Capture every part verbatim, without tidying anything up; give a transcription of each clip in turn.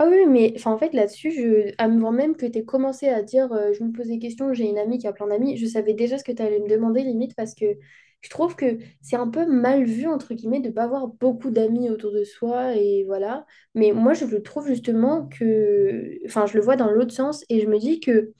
Ah oui, mais enfin, en fait, là-dessus, je... avant même que tu aies commencé à dire euh, je me pose des questions, j'ai une amie qui a plein d'amis, je savais déjà ce que tu allais me demander limite parce que je trouve que c'est un peu mal vu, entre guillemets, de ne pas avoir beaucoup d'amis autour de soi et voilà. Mais moi, je le trouve justement que. Enfin, je le vois dans l'autre sens et je me dis que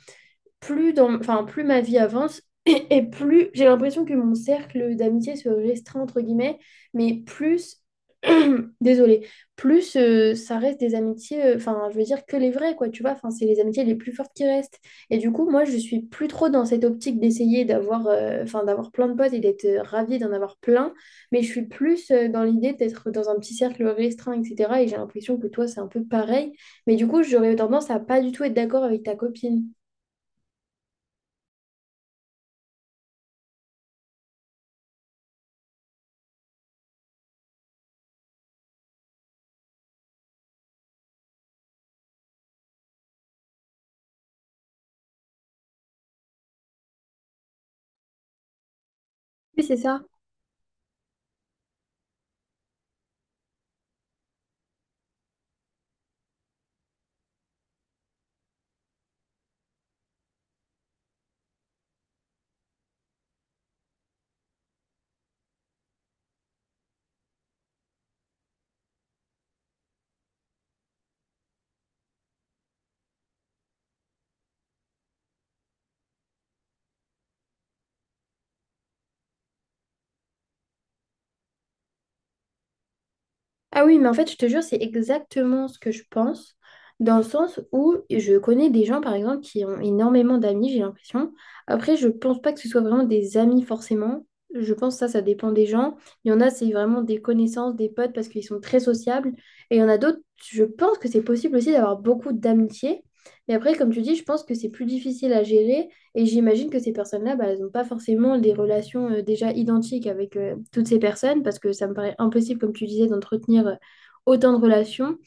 plus dans, enfin, plus ma vie avance et, plus j'ai l'impression que mon cercle d'amitié se restreint entre guillemets, mais plus, désolée, plus euh, ça reste des amitiés, euh, enfin, je veux dire que les vraies quoi, tu vois, enfin, c'est les amitiés les plus fortes qui restent. Et du coup, moi, je suis plus trop dans cette optique d'essayer d'avoir, euh, enfin, d'avoir plein de potes et d'être euh, ravie d'en avoir plein, mais je suis plus euh, dans l'idée d'être dans un petit cercle restreint, et cetera. Et j'ai l'impression que toi, c'est un peu pareil. Mais du coup, j'aurais tendance à pas du tout être d'accord avec ta copine. Oui, c'est ça. Ah oui, mais en fait, je te jure, c'est exactement ce que je pense, dans le sens où je connais des gens, par exemple, qui ont énormément d'amis, j'ai l'impression. Après, je pense pas que ce soit vraiment des amis forcément. Je pense que ça, ça dépend des gens. Il y en a, c'est vraiment des connaissances, des potes, parce qu'ils sont très sociables. Et il y en a d'autres, je pense que c'est possible aussi d'avoir beaucoup d'amitié. Mais après, comme tu dis, je pense que c'est plus difficile à gérer. Et j'imagine que ces personnes-là, bah, elles n'ont pas forcément des relations euh, déjà identiques avec euh, toutes ces personnes, parce que ça me paraît impossible, comme tu disais, d'entretenir euh, autant de relations.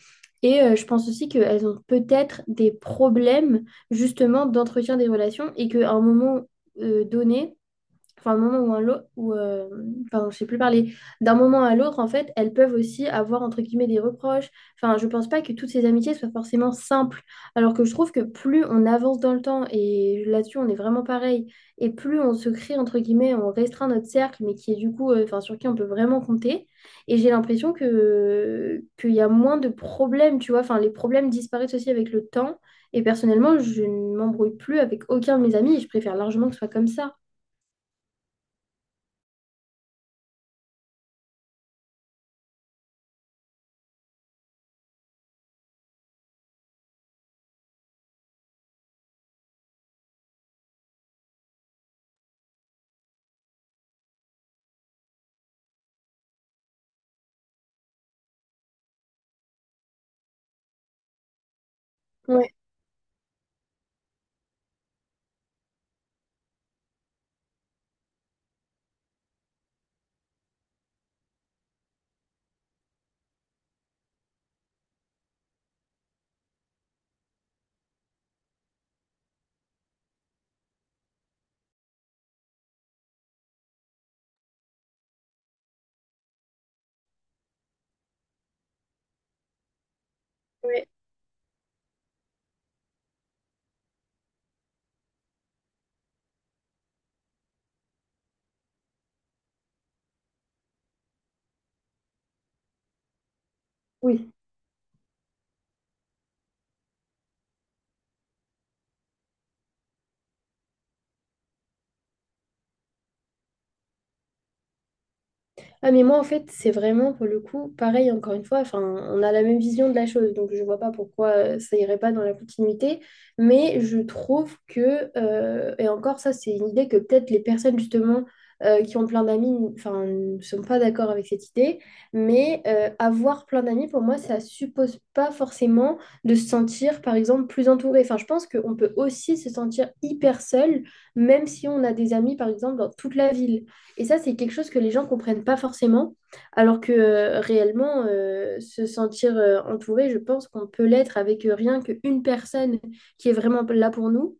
Et euh, je pense aussi qu'elles ont peut-être des problèmes justement d'entretien des relations et qu'à un moment euh, donné, enfin, un moment ou un l'autre, ou, euh, enfin, je sais plus parler, d'un moment à l'autre, en fait, elles peuvent aussi avoir, entre guillemets, des reproches. Enfin, je pense pas que toutes ces amitiés soient forcément simples, alors que je trouve que plus on avance dans le temps, et là-dessus, on est vraiment pareil, et plus on se crée, entre guillemets, on restreint notre cercle, mais qui est du coup, euh, enfin, sur qui on peut vraiment compter. Et j'ai l'impression que qu'il y a moins de problèmes, tu vois, enfin, les problèmes disparaissent aussi avec le temps. Et personnellement, je ne m'embrouille plus avec aucun de mes amis et je préfère largement que ce soit comme ça. Ouais, ouais. Oui. Ah, mais moi, en fait, c'est vraiment, pour le coup, pareil, encore une fois, enfin, on a la même vision de la chose, donc je vois pas pourquoi euh, ça irait pas dans la continuité, mais je trouve que, euh, et encore ça, c'est une idée que peut-être les personnes, justement, euh, qui ont plein d'amis, enfin, ne sont pas d'accord avec cette idée, mais euh, avoir plein d'amis, pour moi, ça suppose pas forcément de se sentir, par exemple, plus entouré. Enfin, je pense qu'on peut aussi se sentir hyper seul, même si on a des amis, par exemple, dans toute la ville. Et ça, c'est quelque chose que les gens comprennent pas forcément, alors que euh, réellement, euh, se sentir euh, entouré, je pense qu'on peut l'être avec euh, rien qu'une personne qui est vraiment là pour nous.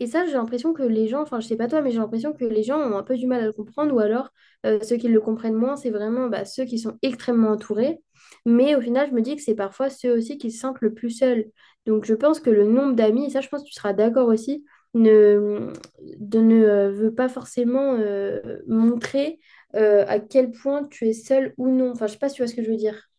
Et ça, j'ai l'impression que les gens, enfin, je sais pas toi, mais j'ai l'impression que les gens ont un peu du mal à le comprendre, ou alors euh, ceux qui le comprennent moins, c'est vraiment bah, ceux qui sont extrêmement entourés. Mais au final, je me dis que c'est parfois ceux aussi qui se sentent le plus seuls. Donc, je pense que le nombre d'amis, et ça, je pense que tu seras d'accord aussi, ne, de, ne euh, veut pas forcément euh, montrer euh, à quel point tu es seul ou non. Enfin, je sais pas si tu vois ce que je veux dire.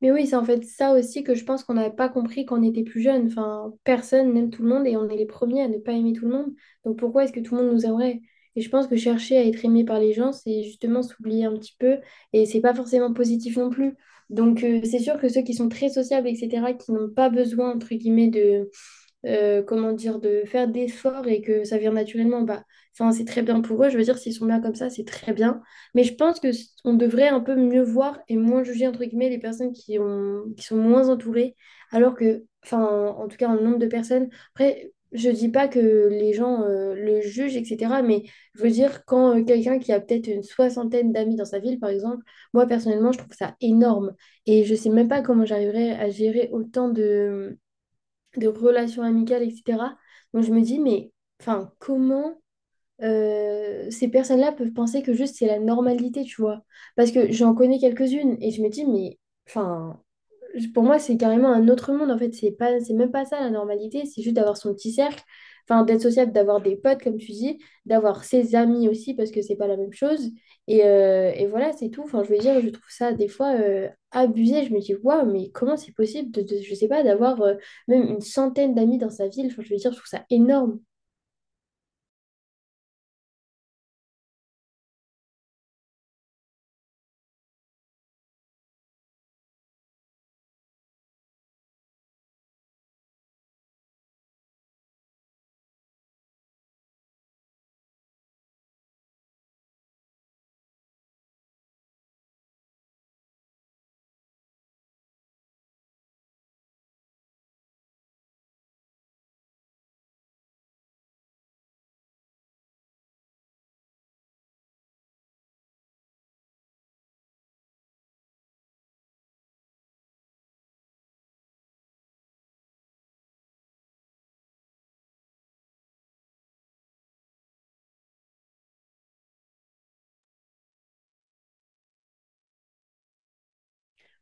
Mais oui, c'est en fait ça aussi que je pense qu'on n'avait pas compris quand on était plus jeune. Enfin, personne n'aime tout le monde et on est les premiers à ne pas aimer tout le monde. Donc pourquoi est-ce que tout le monde nous aimerait? Et je pense que chercher à être aimé par les gens, c'est justement s'oublier un petit peu et c'est pas forcément positif non plus. Donc euh, c'est sûr que ceux qui sont très sociables, et cetera, qui n'ont pas besoin, entre guillemets, de euh, comment dire, de faire d'efforts et que ça vient naturellement, bah, enfin, c'est très bien pour eux. Je veux dire, s'ils sont bien comme ça, c'est très bien. Mais je pense que c- on devrait un peu mieux voir et moins juger, entre guillemets, les personnes qui ont, qui sont moins entourées, alors que, enfin, en, en tout cas, en nombre de personnes. Après, je dis pas que les gens euh, le jugent, et cetera. Mais je veux dire, quand euh, quelqu'un qui a peut-être une soixantaine d'amis dans sa ville, par exemple, moi, personnellement, je trouve ça énorme. Et je sais même pas comment j'arriverais à gérer autant de de relations amicales, et cetera. Donc je me dis, mais enfin, comment euh, ces personnes-là peuvent penser que juste c'est la normalité, tu vois? Parce que j'en connais quelques-unes et je me dis, mais enfin, pour moi, c'est carrément un autre monde. En fait, c'est pas, c'est même pas ça la normalité. C'est juste d'avoir son petit cercle, enfin, d'être sociable, d'avoir des potes, comme tu dis, d'avoir ses amis aussi, parce que c'est pas la même chose. Et, euh, et voilà, c'est tout. Enfin, je veux dire, je trouve ça des fois euh, abusé. Je me dis, waouh, mais comment c'est possible de, de- je sais pas, d'avoir euh, même une centaine d'amis dans sa ville. Enfin, je veux dire, je trouve ça énorme.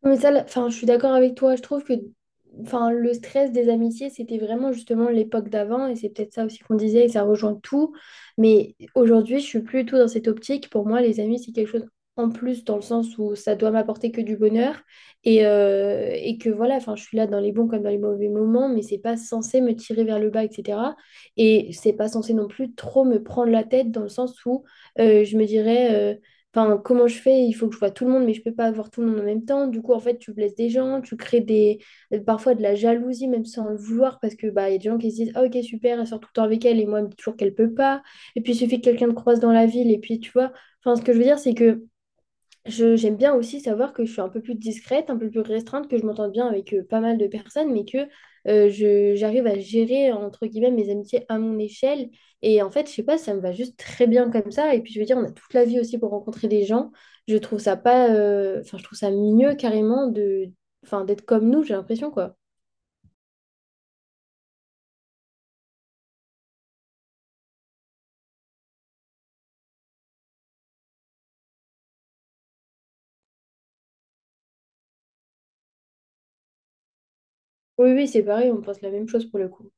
Non, mais ça, là, enfin, je suis d'accord avec toi. Je trouve que enfin, le stress des amitiés, c'était vraiment justement l'époque d'avant. Et c'est peut-être ça aussi qu'on disait, et ça rejoint tout. Mais aujourd'hui, je suis plus du tout dans cette optique. Pour moi, les amis, c'est quelque chose en plus dans le sens où ça doit m'apporter que du bonheur. Et, euh, et que voilà, enfin, je suis là dans les bons comme dans les mauvais moments, mais c'est pas censé me tirer vers le bas, et cetera. Et c'est pas censé non plus trop me prendre la tête dans le sens où euh, je me dirais. euh, Enfin, comment je fais? Il faut que je vois tout le monde, mais je peux pas voir tout le monde en même temps. Du coup, en fait, tu blesses des gens, tu crées des parfois de la jalousie, même sans le vouloir, parce que bah, il y a des gens qui se disent, Ah, ok, super, elle sort tout le temps avec elle, et moi, elle me dit toujours qu'elle peut pas. Et puis, il suffit que quelqu'un te croise dans la ville, et puis, tu vois. Enfin, ce que je veux dire, c'est que je, j'aime bien aussi savoir que je suis un peu plus discrète, un peu plus restreinte, que je m'entends bien avec euh, pas mal de personnes, mais que euh, je, j'arrive à gérer, entre guillemets, mes amitiés à mon échelle. Et en fait, je sais pas, ça me va juste très bien comme ça. Et puis, je veux dire, on a toute la vie aussi pour rencontrer des gens. Je trouve ça pas, euh, enfin, je trouve ça mieux carrément de, enfin, d'être comme nous, j'ai l'impression, quoi. Oui, oui, c'est pareil, on pense la même chose pour le coup.